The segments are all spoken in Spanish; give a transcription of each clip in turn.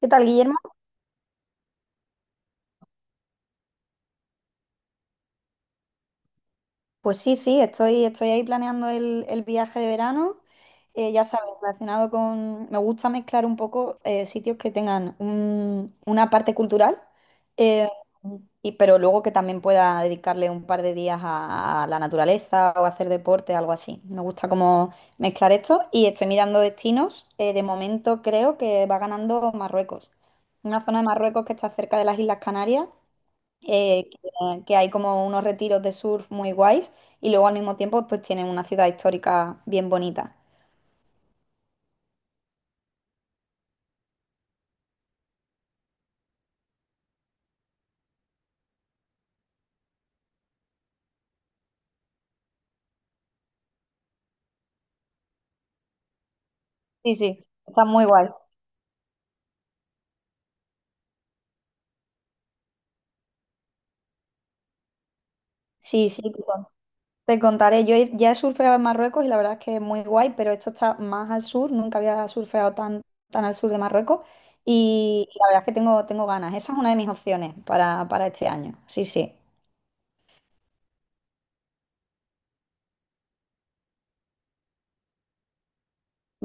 ¿Qué tal, Guillermo? Pues sí, sí, estoy ahí planeando el viaje de verano. Ya sabes, relacionado con... Me gusta mezclar un poco sitios que tengan una parte cultural, eh, pero luego que también pueda dedicarle un par de días a la naturaleza o hacer deporte, algo así. Me gusta como mezclar esto y estoy mirando destinos. De momento creo que va ganando Marruecos. Una zona de Marruecos que está cerca de las Islas Canarias que hay como unos retiros de surf muy guays y luego al mismo tiempo pues tienen una ciudad histórica bien bonita. Sí, sí, está muy guay. Sí, sí, te contaré. Ya he surfeado en Marruecos y la verdad es que es muy guay, pero esto está más al sur, nunca había surfeado tan, tan al sur de Marruecos la verdad es que tengo ganas. Esa es una de mis opciones para este año. Sí, sí.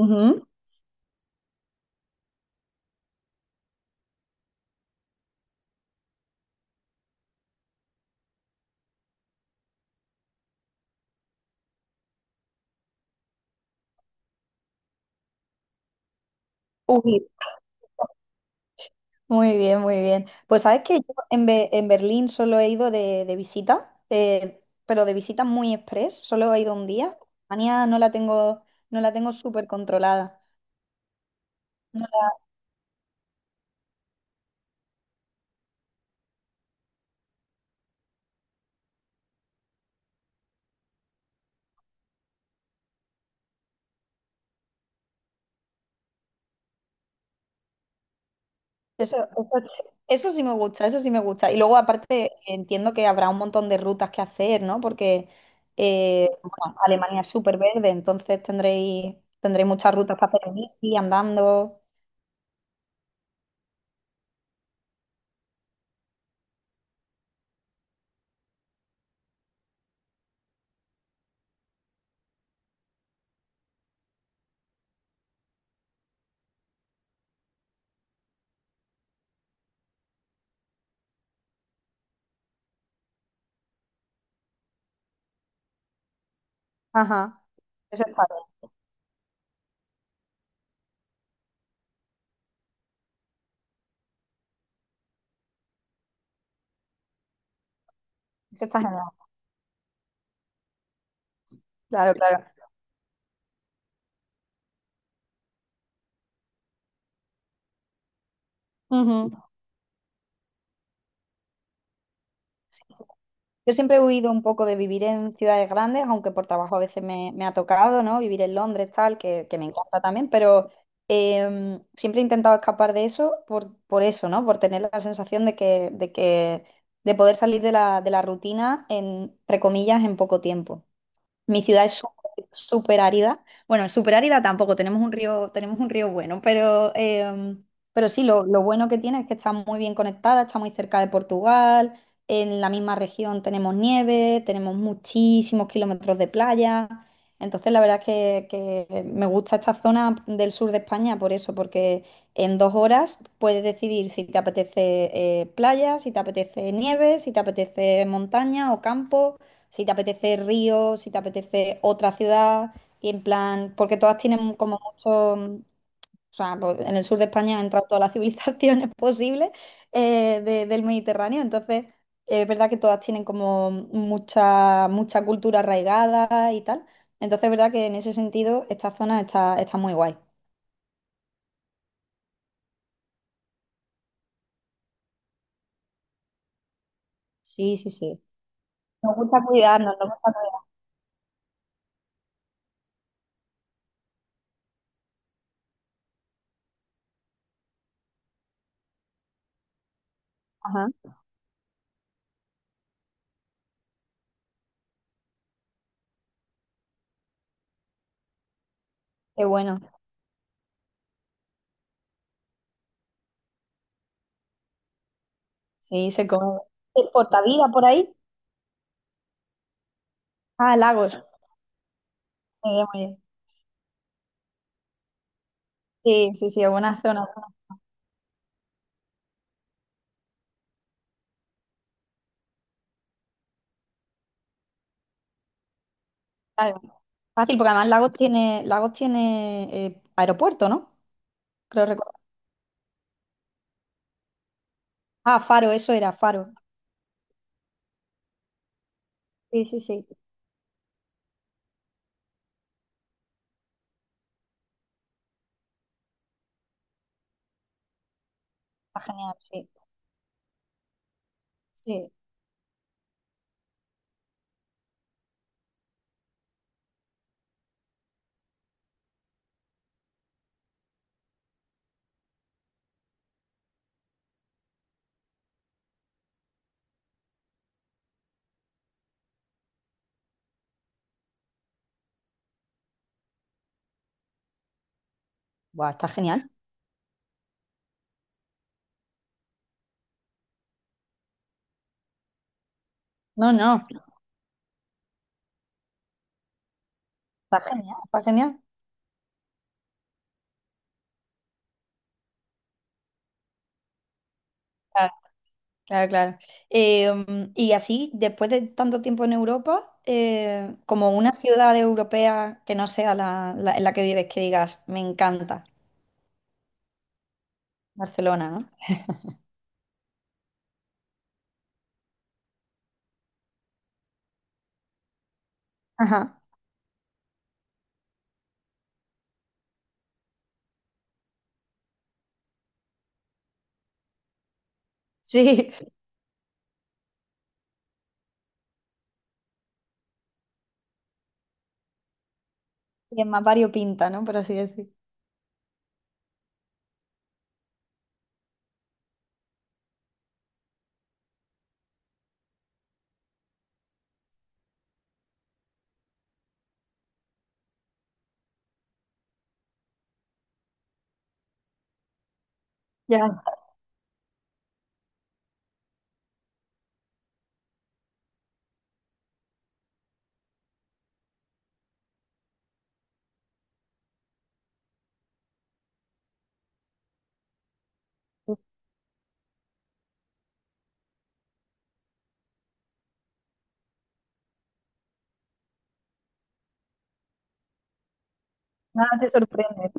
Ujú. Uy. Muy bien, muy bien. Pues sabes que en Berlín solo he ido de visita, pero de visita muy express, solo he ido un día. Alemania no la tengo, no la tengo súper controlada. No la- Eso, eso sí me gusta, eso sí me gusta. Y luego aparte entiendo que habrá un montón de rutas que hacer, ¿no? Porque bueno, Alemania es súper verde, entonces tendréis muchas rutas para hacer en bici, andando. Ajá, eso está bien, eso está genial. Claro, claro. Ujú. Yo siempre he huido un poco de vivir en ciudades grandes, aunque por trabajo a veces me ha tocado, ¿no? Vivir en Londres, tal, que me encanta también, pero siempre he intentado escapar de eso por eso, ¿no? Por tener la sensación de poder salir de la rutina en, entre comillas, en poco tiempo. Mi ciudad es súper súper árida. Bueno, súper árida tampoco, tenemos un río bueno, pero sí, lo bueno que tiene es que está muy bien conectada, está muy cerca de Portugal, en la misma región tenemos nieve, tenemos muchísimos kilómetros de playa. Entonces, la verdad es que me gusta esta zona del sur de España por eso, porque en 2 horas puedes decidir si te apetece playa, si te apetece nieve, si te apetece montaña o campo. Si te apetece Río, si te apetece otra ciudad, y en plan, porque todas tienen como mucho, o sea, pues, en el sur de España han entrado todas las civilizaciones posibles del Mediterráneo, entonces es verdad que todas tienen como mucha, mucha cultura arraigada y tal, entonces es verdad que en ese sentido esta zona está muy guay. Sí, sí, sí. Nos gusta cuidarnos, nos gusta cuidarnos. Ajá, qué bueno. Sí, se come. ¿Portavila por ahí? Ah, Lagos. Muy muy bien. Sí, sí, sí, es buena zona. Claro. Fácil, porque además Lagos tiene aeropuerto, ¿no? Creo recordar. Ah, Faro, eso era Faro. Sí, sí, sí. Está genial, sí. Sí. Buah, está genial. No, no, está genial, está genial. Claro, claro, claro. Y así, después de tanto tiempo en Europa, como una ciudad europea que no sea en la que vives, que digas, me encanta Barcelona, ¿no? Ajá. Sí, y es más variopinta, ¿no? Por así decir. Ya. Nada te sorprende.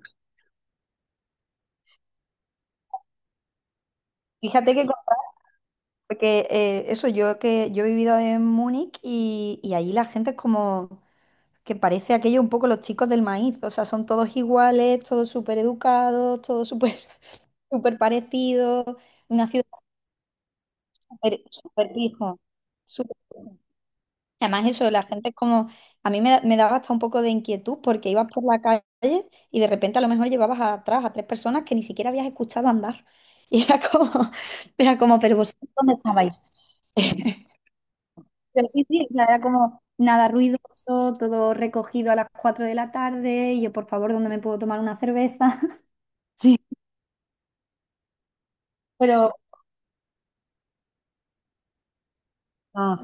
Fíjate que contraste, porque eso, yo que yo he vivido en Múnich y allí la gente es como que parece aquello un poco los chicos del maíz. O sea, son todos iguales, todos súper educados, todos súper súper parecidos. Una ciudad súper súper pija. Además, eso, la gente es como, a mí me daba hasta un poco de inquietud porque ibas por la calle y de repente a lo mejor llevabas atrás a tres personas que ni siquiera habías escuchado andar. Y era como, era como, pero vosotros, ¿dónde estabais? Pero sí, sí, o sea, era como nada ruidoso, todo recogido a las 4 de la tarde y yo, por favor, ¿dónde me puedo tomar una cerveza? Sí, pero... No,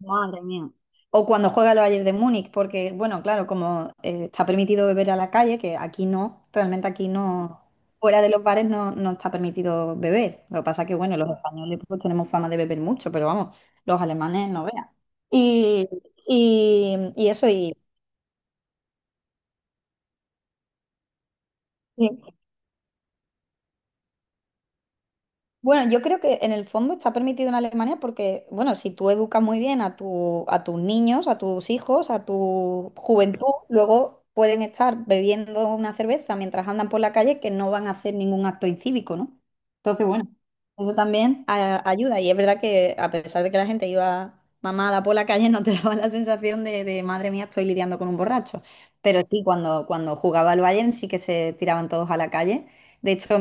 madre mía. O cuando juega el Bayern de Múnich, porque, bueno, claro, como está permitido beber a la calle, que aquí no, realmente aquí no, fuera de los bares no, no está permitido beber. Lo que pasa que, bueno, los españoles pues tenemos fama de beber mucho, pero vamos, los alemanes no vean. Y, y eso, bueno, yo creo que en el fondo está permitido en Alemania porque, bueno, si tú educas muy bien a tu, a tus niños, a tus hijos, a tu juventud, luego pueden estar bebiendo una cerveza mientras andan por la calle que no van a hacer ningún acto incívico, ¿no? Entonces, bueno, eso también ayuda. Y es verdad que a pesar de que la gente iba mamada por la calle, no te daba la sensación madre mía, estoy lidiando con un borracho. Pero sí, cuando jugaba al Bayern sí que se tiraban todos a la calle. De hecho,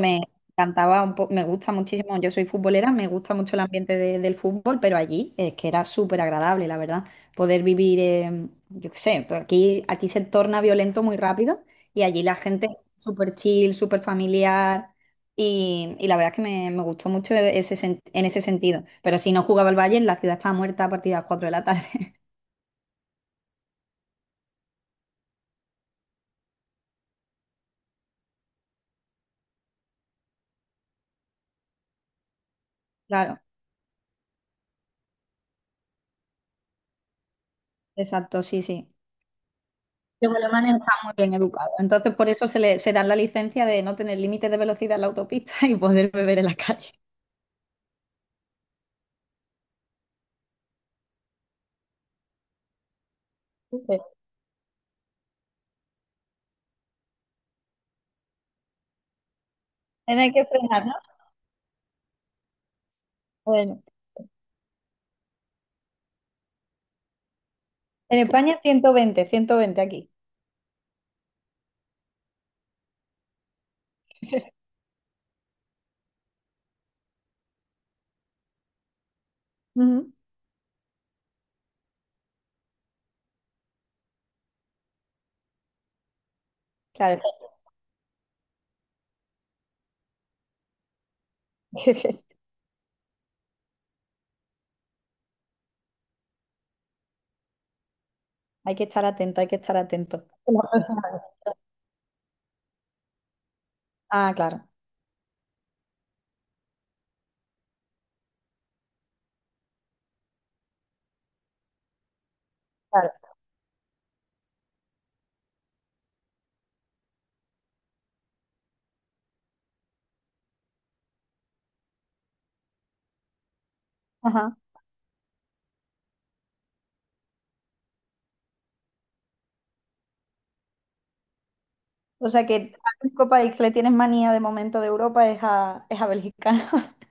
cantaba me gusta muchísimo, yo soy futbolera, me gusta mucho el ambiente del fútbol, pero allí es que era súper agradable, la verdad, poder vivir, yo qué sé, pues aquí, aquí se torna violento muy rápido y allí la gente es súper chill, súper familiar y la verdad es que me gustó mucho en ese sentido, pero si no jugaba el Bayern, la ciudad estaba muerta a partir de las 4 de la tarde. Claro, exacto, sí, sí. Que los alemanes están muy bien educados. Entonces, por eso se dan la licencia de no tener límites de velocidad en la autopista y poder beber en la calle. Sí. Tener que frenar, ¿no? Bueno, en España 120, 120 aquí. Ujú. Claro, hay que estar atento, hay que estar atento. La próxima vez. Ah, claro, claro. Ajá. O sea que al único país que le tienes manía de momento de Europa es a Bélgica.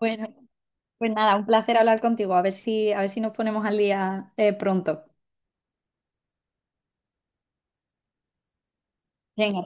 Bueno, pues nada, un placer hablar contigo. A ver si nos ponemos al día pronto. Venga,